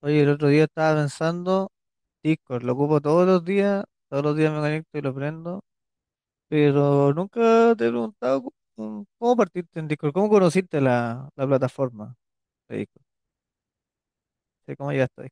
Oye, el otro día estaba pensando, Discord, lo ocupo todos los días me conecto y lo prendo, pero nunca te he preguntado cómo partiste en Discord, cómo conociste la plataforma de Discord. Sí, cómo llegaste ahí.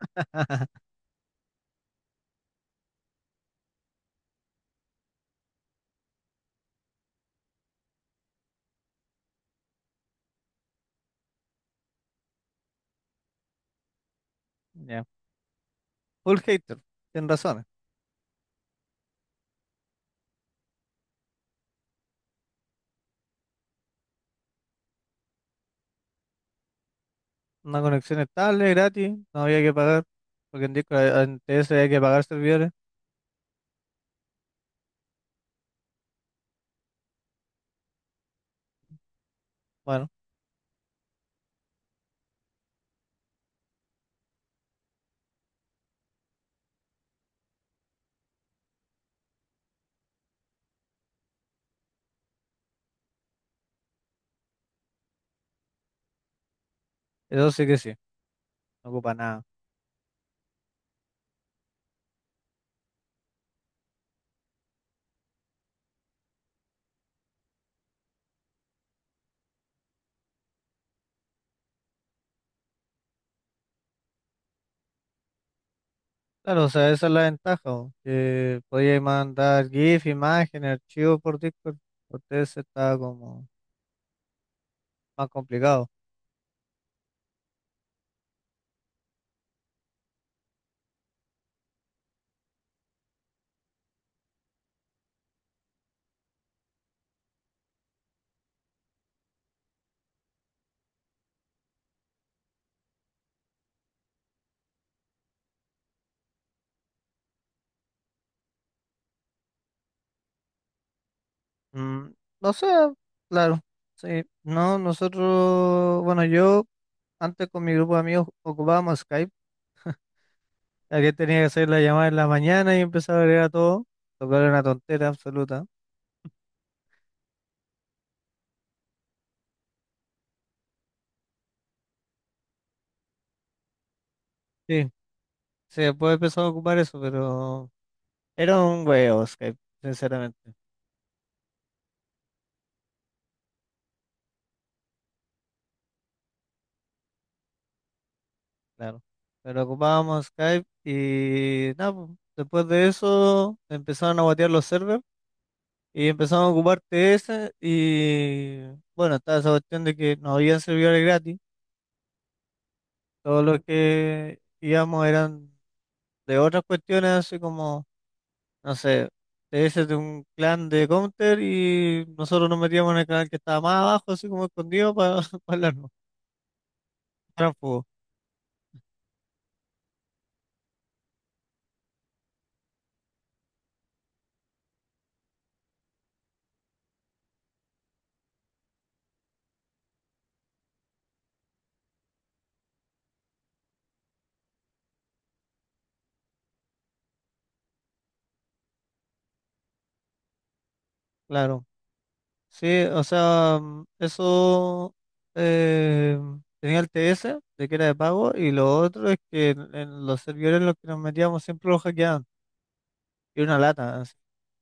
Ya. Full hater, tienes razones. Una conexión estable, gratis, no había que pagar, porque en Discord, en TS había que pagar servidores. Bueno, eso sí que sí, no ocupa nada. Claro, o sea, esa es la ventaja, po, que podíais mandar GIF, imágenes, archivos por Discord. Por TS está como más complicado. Mm, no sé, claro, sí. No, nosotros, bueno, yo antes con mi grupo de amigos ocupábamos Skype, ya que tenía que hacer la llamada en la mañana y empezaba a agregar a todo, lo cual era una tontera absoluta. Sí, sí, después empezó a ocupar eso, pero era un huevo Skype, sinceramente. Claro. Pero ocupábamos Skype y nada, pues, después de eso empezaron a guatear los servers y empezaron a ocupar TS y bueno, estaba esa cuestión de que no habían servidores gratis, todos los que íbamos eran de otras cuestiones, así como, no sé, TS de un clan de Counter y nosotros nos metíamos en el canal que estaba más abajo, así como escondido para hablarnos, tránsfugo, claro. Sí, o sea, eso eh, tenía el TS de que era de pago y lo otro es que en los servidores en los que nos metíamos siempre lo hackeaban y era una lata, así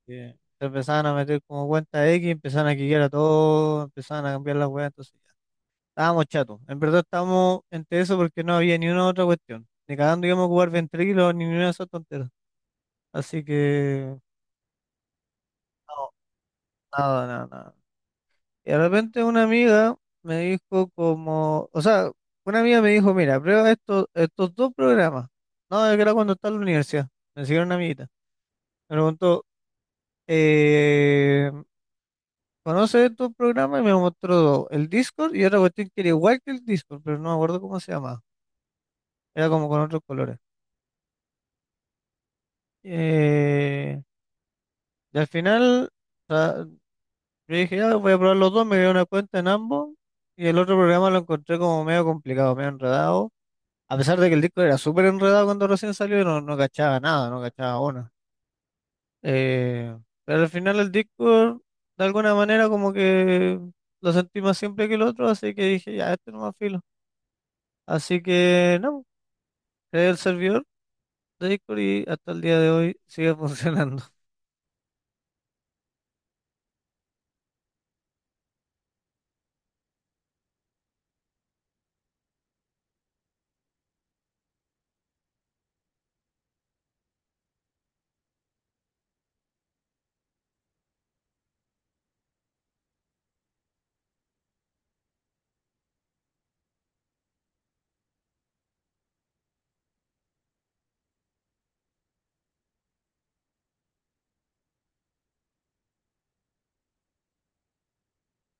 que se empezaban a meter como cuenta X, empezaban a hackear a todo, empezaban a cambiar las weas, entonces ya, estábamos chatos, en verdad estábamos en TS porque no había ni una otra cuestión, ni cagando íbamos a jugar ventrilos ni ninguna de esas tonteras, así que no, nada, nada, nada. Y de repente una amiga me dijo como, o sea, una amiga me dijo, mira, prueba estos dos programas. No, es que era cuando estaba en la universidad. Me siguió una amiguita. Me preguntó, eh, ¿conoces estos programas? Y me mostró dos, el Discord y otra cuestión que era igual que el Discord, pero no me acuerdo cómo se llamaba. Era como con otros colores. Eh, y al final, o sea, yo dije, ya voy a probar los dos, me creé una cuenta en ambos. Y el otro programa lo encontré como medio complicado, medio enredado. A pesar de que el disco era súper enredado cuando recién salió, no, no cachaba nada, no cachaba una. Eh, pero al final el Discord, de alguna manera, como que lo sentí más simple que el otro, así que dije, ya, este no más filo. Así que, no, creé el servidor de Discord y hasta el día de hoy sigue funcionando.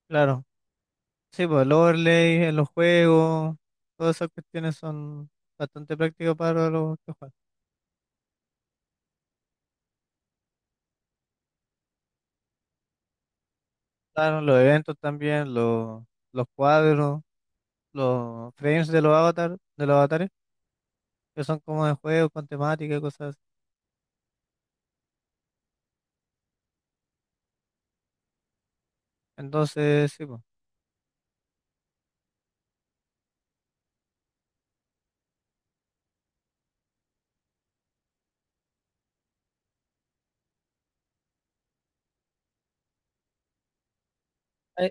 Claro, sí, pues el overlay en los juegos, todas esas cuestiones son bastante prácticas para los que juegan. Claro, los eventos también, los cuadros. Los frames de los avatares, que son como de juegos con temática y cosas así. Entonces, sí, po. Hay,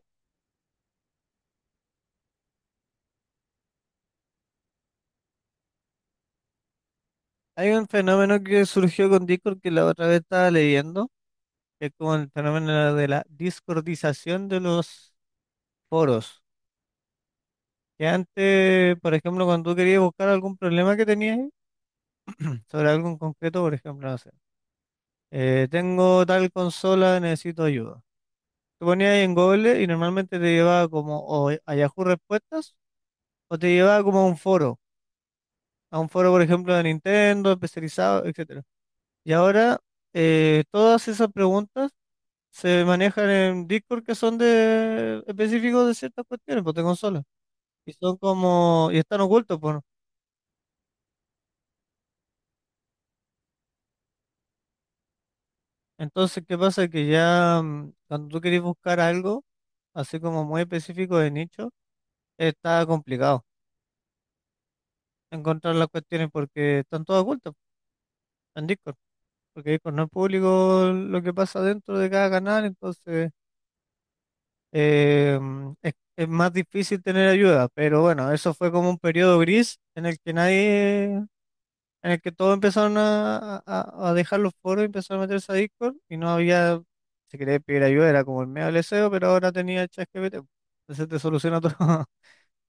hay un fenómeno que surgió con Discord que la otra vez estaba leyendo, que es como el fenómeno de la discordización de los foros. Que antes, por ejemplo, cuando tú querías buscar algún problema que tenías sobre algo en concreto, por ejemplo, no sé, tengo tal consola, necesito ayuda. Te ponías ahí en Google y normalmente te llevaba como o a Yahoo Respuestas o te llevaba como a un foro, por ejemplo, de Nintendo, especializado, etcétera. Y ahora todas esas preguntas se manejan en Discord que son de específicos de ciertas cuestiones, pues, de consolas. Y son como, y están ocultos, pues, ¿no? Entonces, ¿qué pasa? Que ya, cuando tú querés buscar algo, así como muy específico de nicho, está complicado encontrar las cuestiones porque están todas ocultas en Discord. Porque Discord no es público lo que pasa dentro de cada canal, entonces es más difícil tener ayuda, pero bueno, eso fue como un periodo gris en el que nadie, en el que todos empezaron a dejar los foros y empezaron a meterse a Discord y no había, si querías pedir ayuda era como el medio del deseo, pero ahora tenía ChatGPT. Entonces te soluciona todo.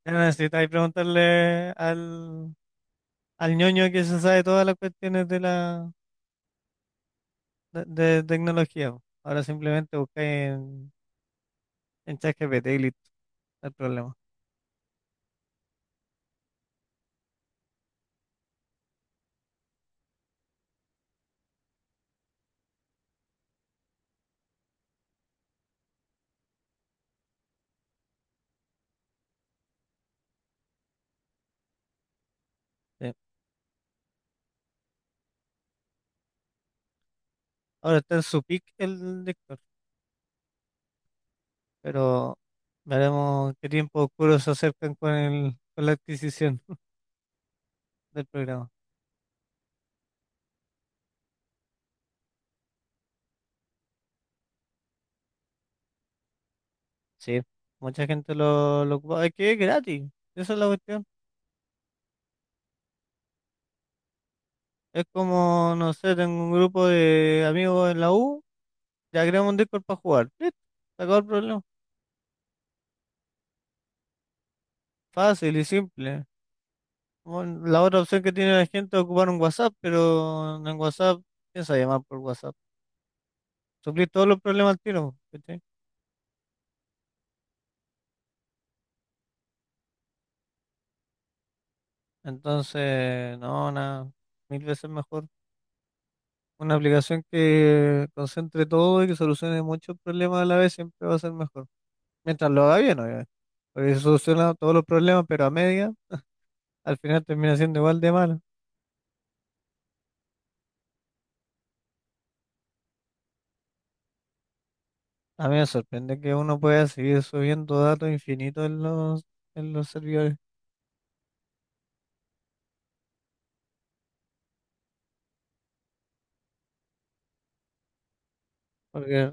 Ya no necesitas preguntarle al ñoño que se sabe todas las cuestiones de tecnología, po. Ahora simplemente buscáis en, ChatGPT y listo, no hay problema. Sí. Ahora está en su pick el Lector, pero veremos qué tiempo oscuro se acercan con la adquisición del programa. Sí, mucha gente lo ocupa. Es que es gratis, esa es la cuestión. Es como, no sé, tengo un grupo de amigos en la U, ya creamos un Discord para jugar. Listo, se acabó el problema. Fácil y simple. Bueno, la otra opción que tiene la gente es ocupar un WhatsApp, pero en WhatsApp, piensa llamar por WhatsApp. Suplir todos los problemas al tiro, ¿cachai? Entonces, no, nada, mil veces mejor. Una aplicación que concentre todo y que solucione muchos problemas a la vez siempre va a ser mejor. Mientras lo haga bien, obviamente. Porque si soluciona todos los problemas, pero a media, al final termina siendo igual de malo. A mí me sorprende que uno pueda seguir subiendo datos infinitos en los servidores. Porque,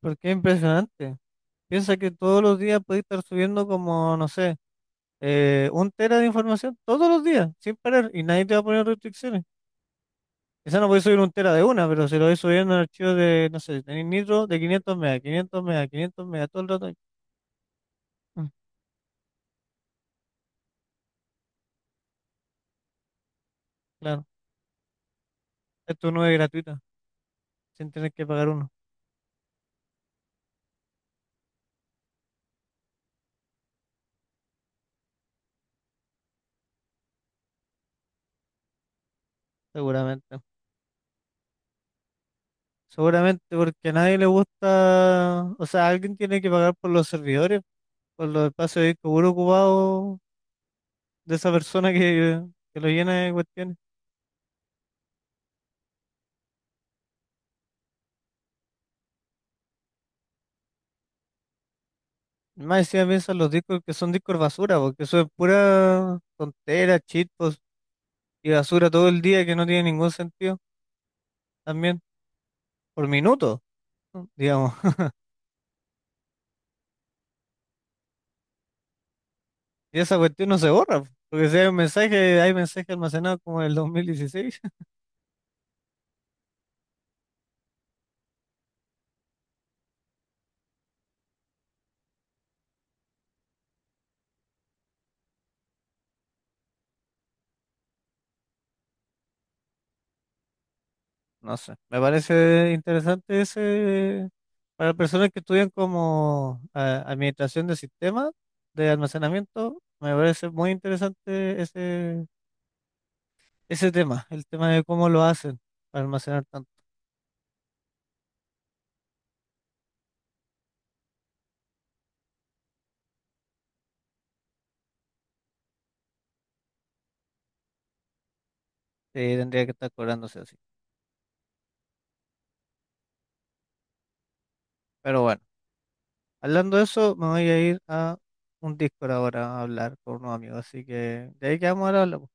porque es impresionante. Piensa que todos los días puede estar subiendo como, no sé, un tera de información todos los días, sin parar, y nadie te va a poner restricciones. Quizá no podéis subir un tera de una, pero si lo vais subiendo en archivos de, no sé, tenéis Nitro de 500 megas, 500 megas, 500 megas, todo el rato. Mm, claro, esto no es gratuita, sin tener que pagar uno, seguramente. Seguramente porque a nadie le gusta, o sea, alguien tiene que pagar por los servidores, por los espacios de disco duro ocupados de esa persona que lo llena de cuestiones. Más encima piensan los discos que son discos basura, porque eso es pura tontera, cheat post y basura todo el día que no tiene ningún sentido también, por minuto. ¿No? Digamos. Y esa cuestión no se borra, po, porque si hay un mensaje, hay mensaje almacenado como el 2016. No sé, me parece interesante ese para personas que estudian como administración de sistemas de almacenamiento. Me parece muy interesante ese tema, el tema de cómo lo hacen para almacenar tanto. Sí, tendría que estar cobrándose así. Pero bueno, hablando de eso, me voy a ir a un Discord ahora a hablar con unos amigos. Así que de ahí quedamos ahora. Hablamos.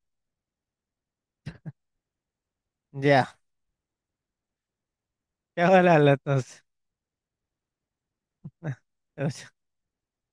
Ya. Ya va la lata.